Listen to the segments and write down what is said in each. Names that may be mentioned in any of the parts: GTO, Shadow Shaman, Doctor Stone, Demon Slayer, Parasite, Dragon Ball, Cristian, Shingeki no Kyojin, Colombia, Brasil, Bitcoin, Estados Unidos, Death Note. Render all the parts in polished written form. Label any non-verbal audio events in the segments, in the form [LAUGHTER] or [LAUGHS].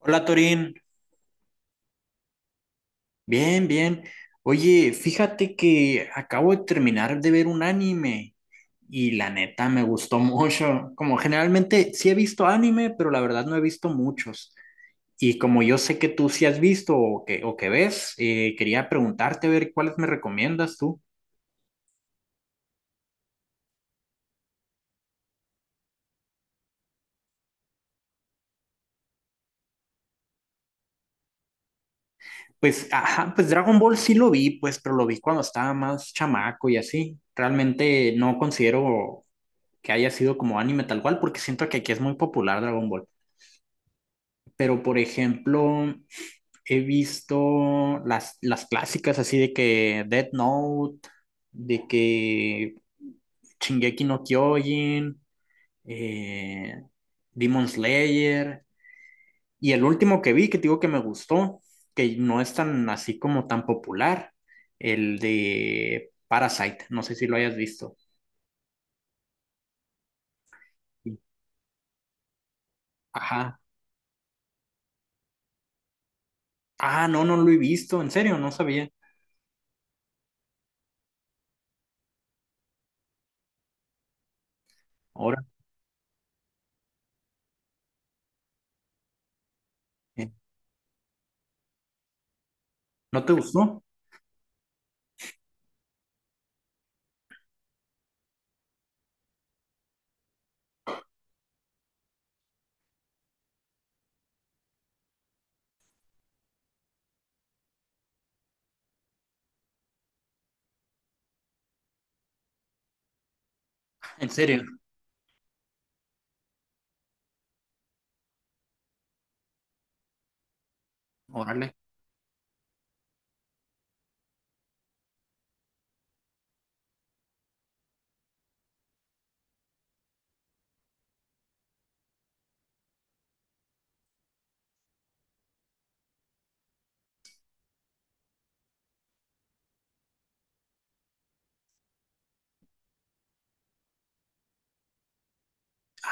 Hola Torín, bien, bien. Oye, fíjate que acabo de terminar de ver un anime y la neta me gustó [LAUGHS] mucho. Como generalmente sí he visto anime, pero la verdad no he visto muchos. Y como yo sé que tú sí has visto o que, ves, quería preguntarte a ver cuáles me recomiendas tú. Pues, ajá, pues Dragon Ball sí lo vi, pues, pero lo vi cuando estaba más chamaco y así. Realmente no considero que haya sido como anime tal cual, porque siento que aquí es muy popular Dragon Ball. Pero por ejemplo, he visto las, clásicas así de que Death Note, de que Shingeki no Kyojin, eh, Demon Slayer, y el último que vi que te digo que me gustó, que no es tan así como tan popular, el de Parasite, no sé si lo hayas visto. Ajá. Ah, no, no lo he visto, en serio, no sabía. Ahora, eh, ¿no te gustó? En serio, órale.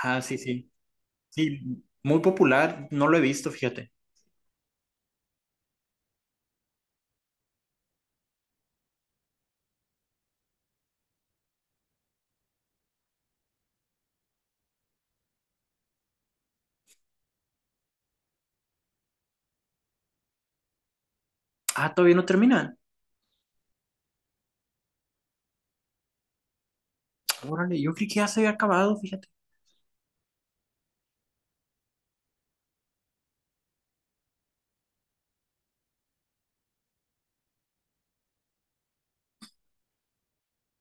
Ah, sí, sí. Sí, muy popular, no lo he visto, fíjate. Ah, todavía no termina. Órale, yo creí que ya se había acabado, fíjate.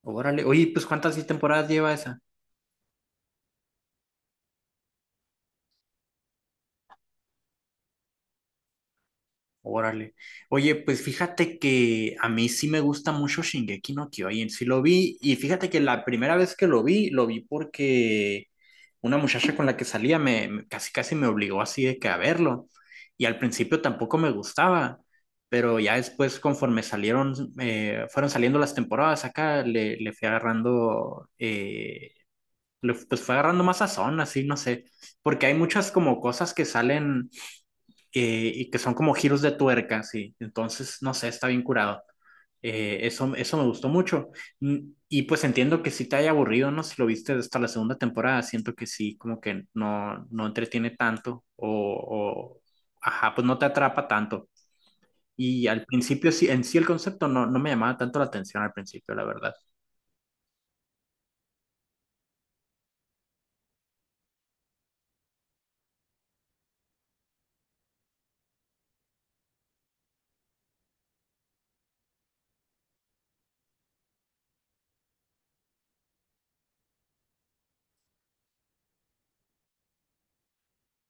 Órale, oye, pues ¿cuántas sí temporadas lleva esa? Órale. Oye, pues fíjate que a mí sí me gusta mucho Shingeki no Kyojin. Sí lo vi y fíjate que la primera vez que lo vi porque una muchacha con la que salía casi casi me obligó así de que a verlo. Y al principio tampoco me gustaba, pero ya después conforme salieron, fueron saliendo las temporadas acá, le, fui agarrando, pues fue agarrando más sazón, así, no sé, porque hay muchas como cosas que salen y que son como giros de tuerca, sí. Entonces, no sé, está bien curado. Eso me gustó mucho. Y pues entiendo que sí te haya aburrido, ¿no? Si lo viste hasta la segunda temporada, siento que sí, como que no, entretiene tanto o, ajá, pues no te atrapa tanto. Y al principio sí, en sí el concepto no, no me llamaba tanto la atención al principio, la verdad.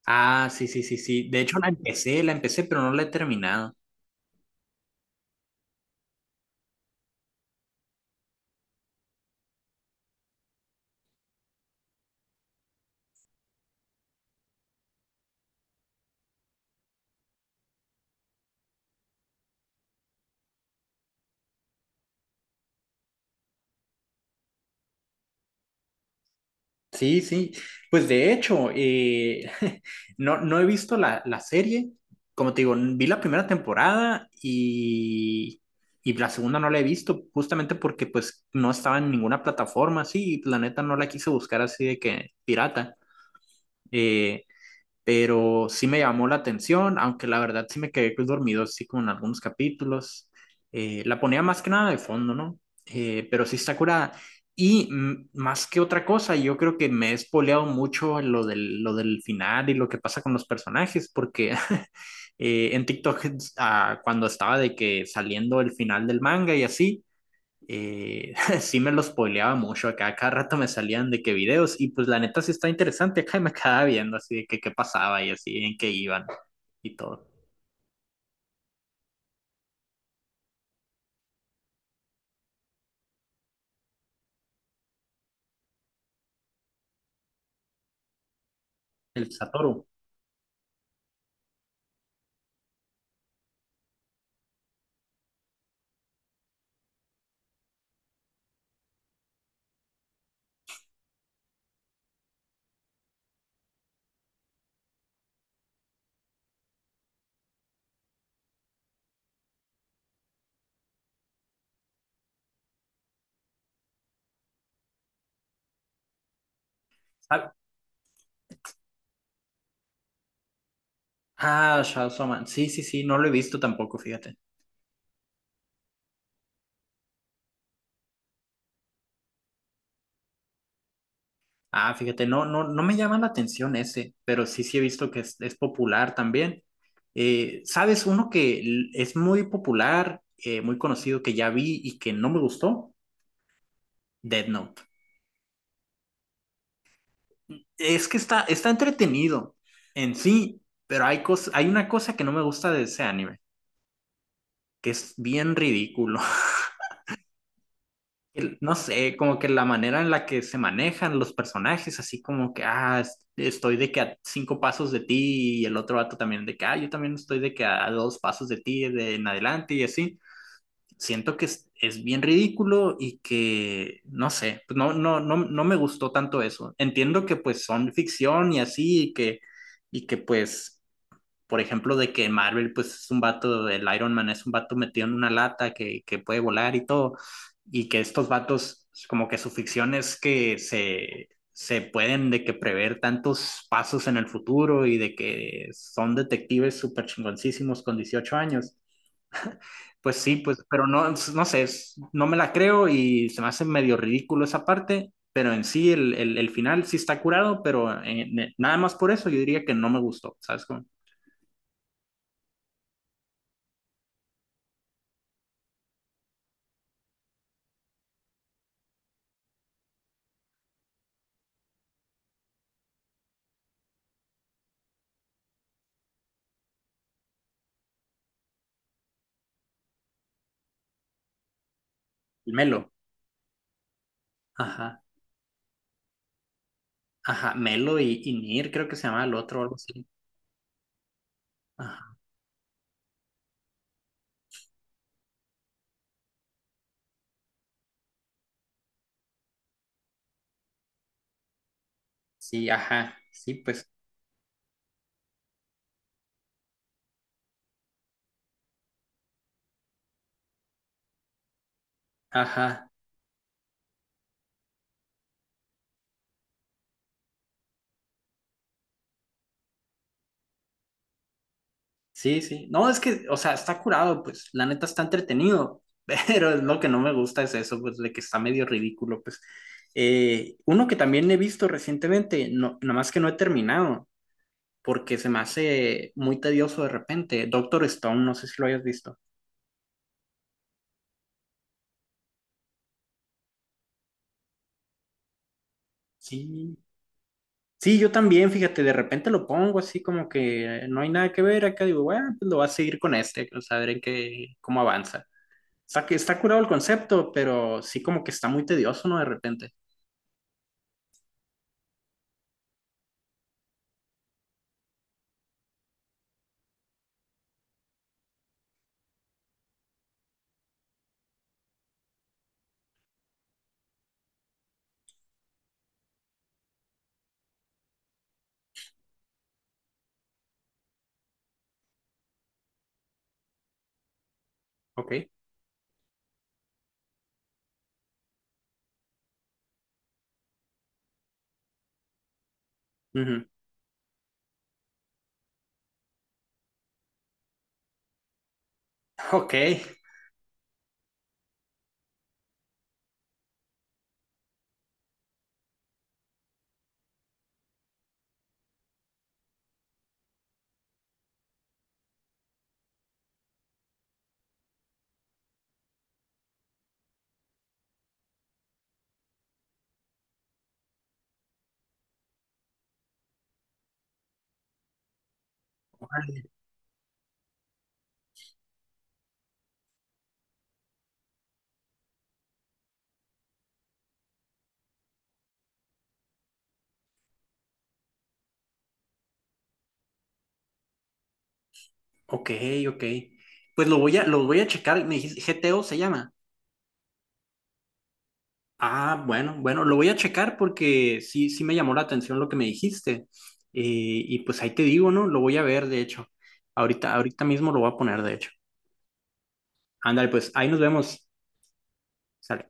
Ah, sí, sí, sí, sí. De hecho la empecé, pero no la he terminado. Sí, sí. Pues de hecho, [LAUGHS] no, no he visto la, serie. Como te digo, vi la primera temporada y, la segunda no la he visto justamente porque pues no estaba en ninguna plataforma, sí, y la neta no la quise buscar así de que pirata. Eh, pero sí me llamó la atención, aunque la verdad sí me quedé pues, dormido así con algunos capítulos. La ponía más que nada de fondo, ¿no? Pero sí está curada. Y más que otra cosa, yo creo que me he espoleado mucho lo del, final y lo que pasa con los personajes, porque [LAUGHS] en TikTok, cuando estaba de que saliendo el final del manga y así, eh, [LAUGHS] sí me los spoileaba mucho, acá cada rato me salían de qué videos y pues la neta sí está interesante, acá y me quedaba viendo así de que qué pasaba y así en qué iban y todo. El Satoru. Ah, ah, Shadow Shaman. Sí, sí, sí, no lo he visto tampoco, fíjate. Ah, fíjate, no, no, no me llama la atención ese, pero sí, sí he visto que es, popular también. ¿Sabes? Uno que es muy popular, muy conocido, que ya vi y que no me gustó, Dead Note. Es que está, entretenido en sí, pero hay una cosa que no me gusta de ese anime, que es bien ridículo. [LAUGHS] No sé, como que la manera en la que se manejan los personajes, así como que, ah, estoy de que a cinco pasos de ti y el otro vato también de que, yo también estoy de que a dos pasos de ti de en adelante y así. Siento que es, bien ridículo y que, no sé, pues no, no, no, no me gustó tanto eso. Entiendo que pues son ficción y así y que, pues por ejemplo, de que Marvel, pues es un vato, el Iron Man es un vato metido en una lata que, puede volar y todo, y que estos vatos, como que su ficción es que se pueden de que prever tantos pasos en el futuro y de que son detectives súper chingoncísimos con 18 años. Pues sí, pues, pero no, no sé, no me la creo y se me hace medio ridículo esa parte, pero en sí el, final sí está curado, pero nada más por eso yo diría que no me gustó, ¿sabes? Como, Melo. Ajá. Ajá, Melo y, Nir, creo que se llama el otro o algo así. Ajá, sí, ajá, sí, pues, ajá, sí, sí. No, es que, o sea, está curado, pues, la neta está entretenido, [LAUGHS] pero es lo que no me gusta es eso, pues, de que está medio ridículo, pues. Uno que también he visto recientemente, no, nada más que no he terminado, porque se me hace muy tedioso de repente. Doctor Stone, no sé si lo hayas visto. Sí, sí, yo también, fíjate, de repente lo pongo así como que no hay nada que ver acá, digo, bueno, pues lo voy a seguir con este, o sea, a ver cómo avanza. O sea, que está curado el concepto, pero sí como que está muy tedioso, ¿no? De repente. Ok. Ujú. Ok, ok, ok. Pues lo voy a checar, me dijiste, GTO se llama. Ah, bueno, bueno, lo voy a checar porque sí, sí me llamó la atención lo que me dijiste. Y pues ahí te digo, ¿no? Lo voy a ver, de hecho. Ahorita mismo lo voy a poner, de hecho. Ándale, pues ahí nos vemos. Sale.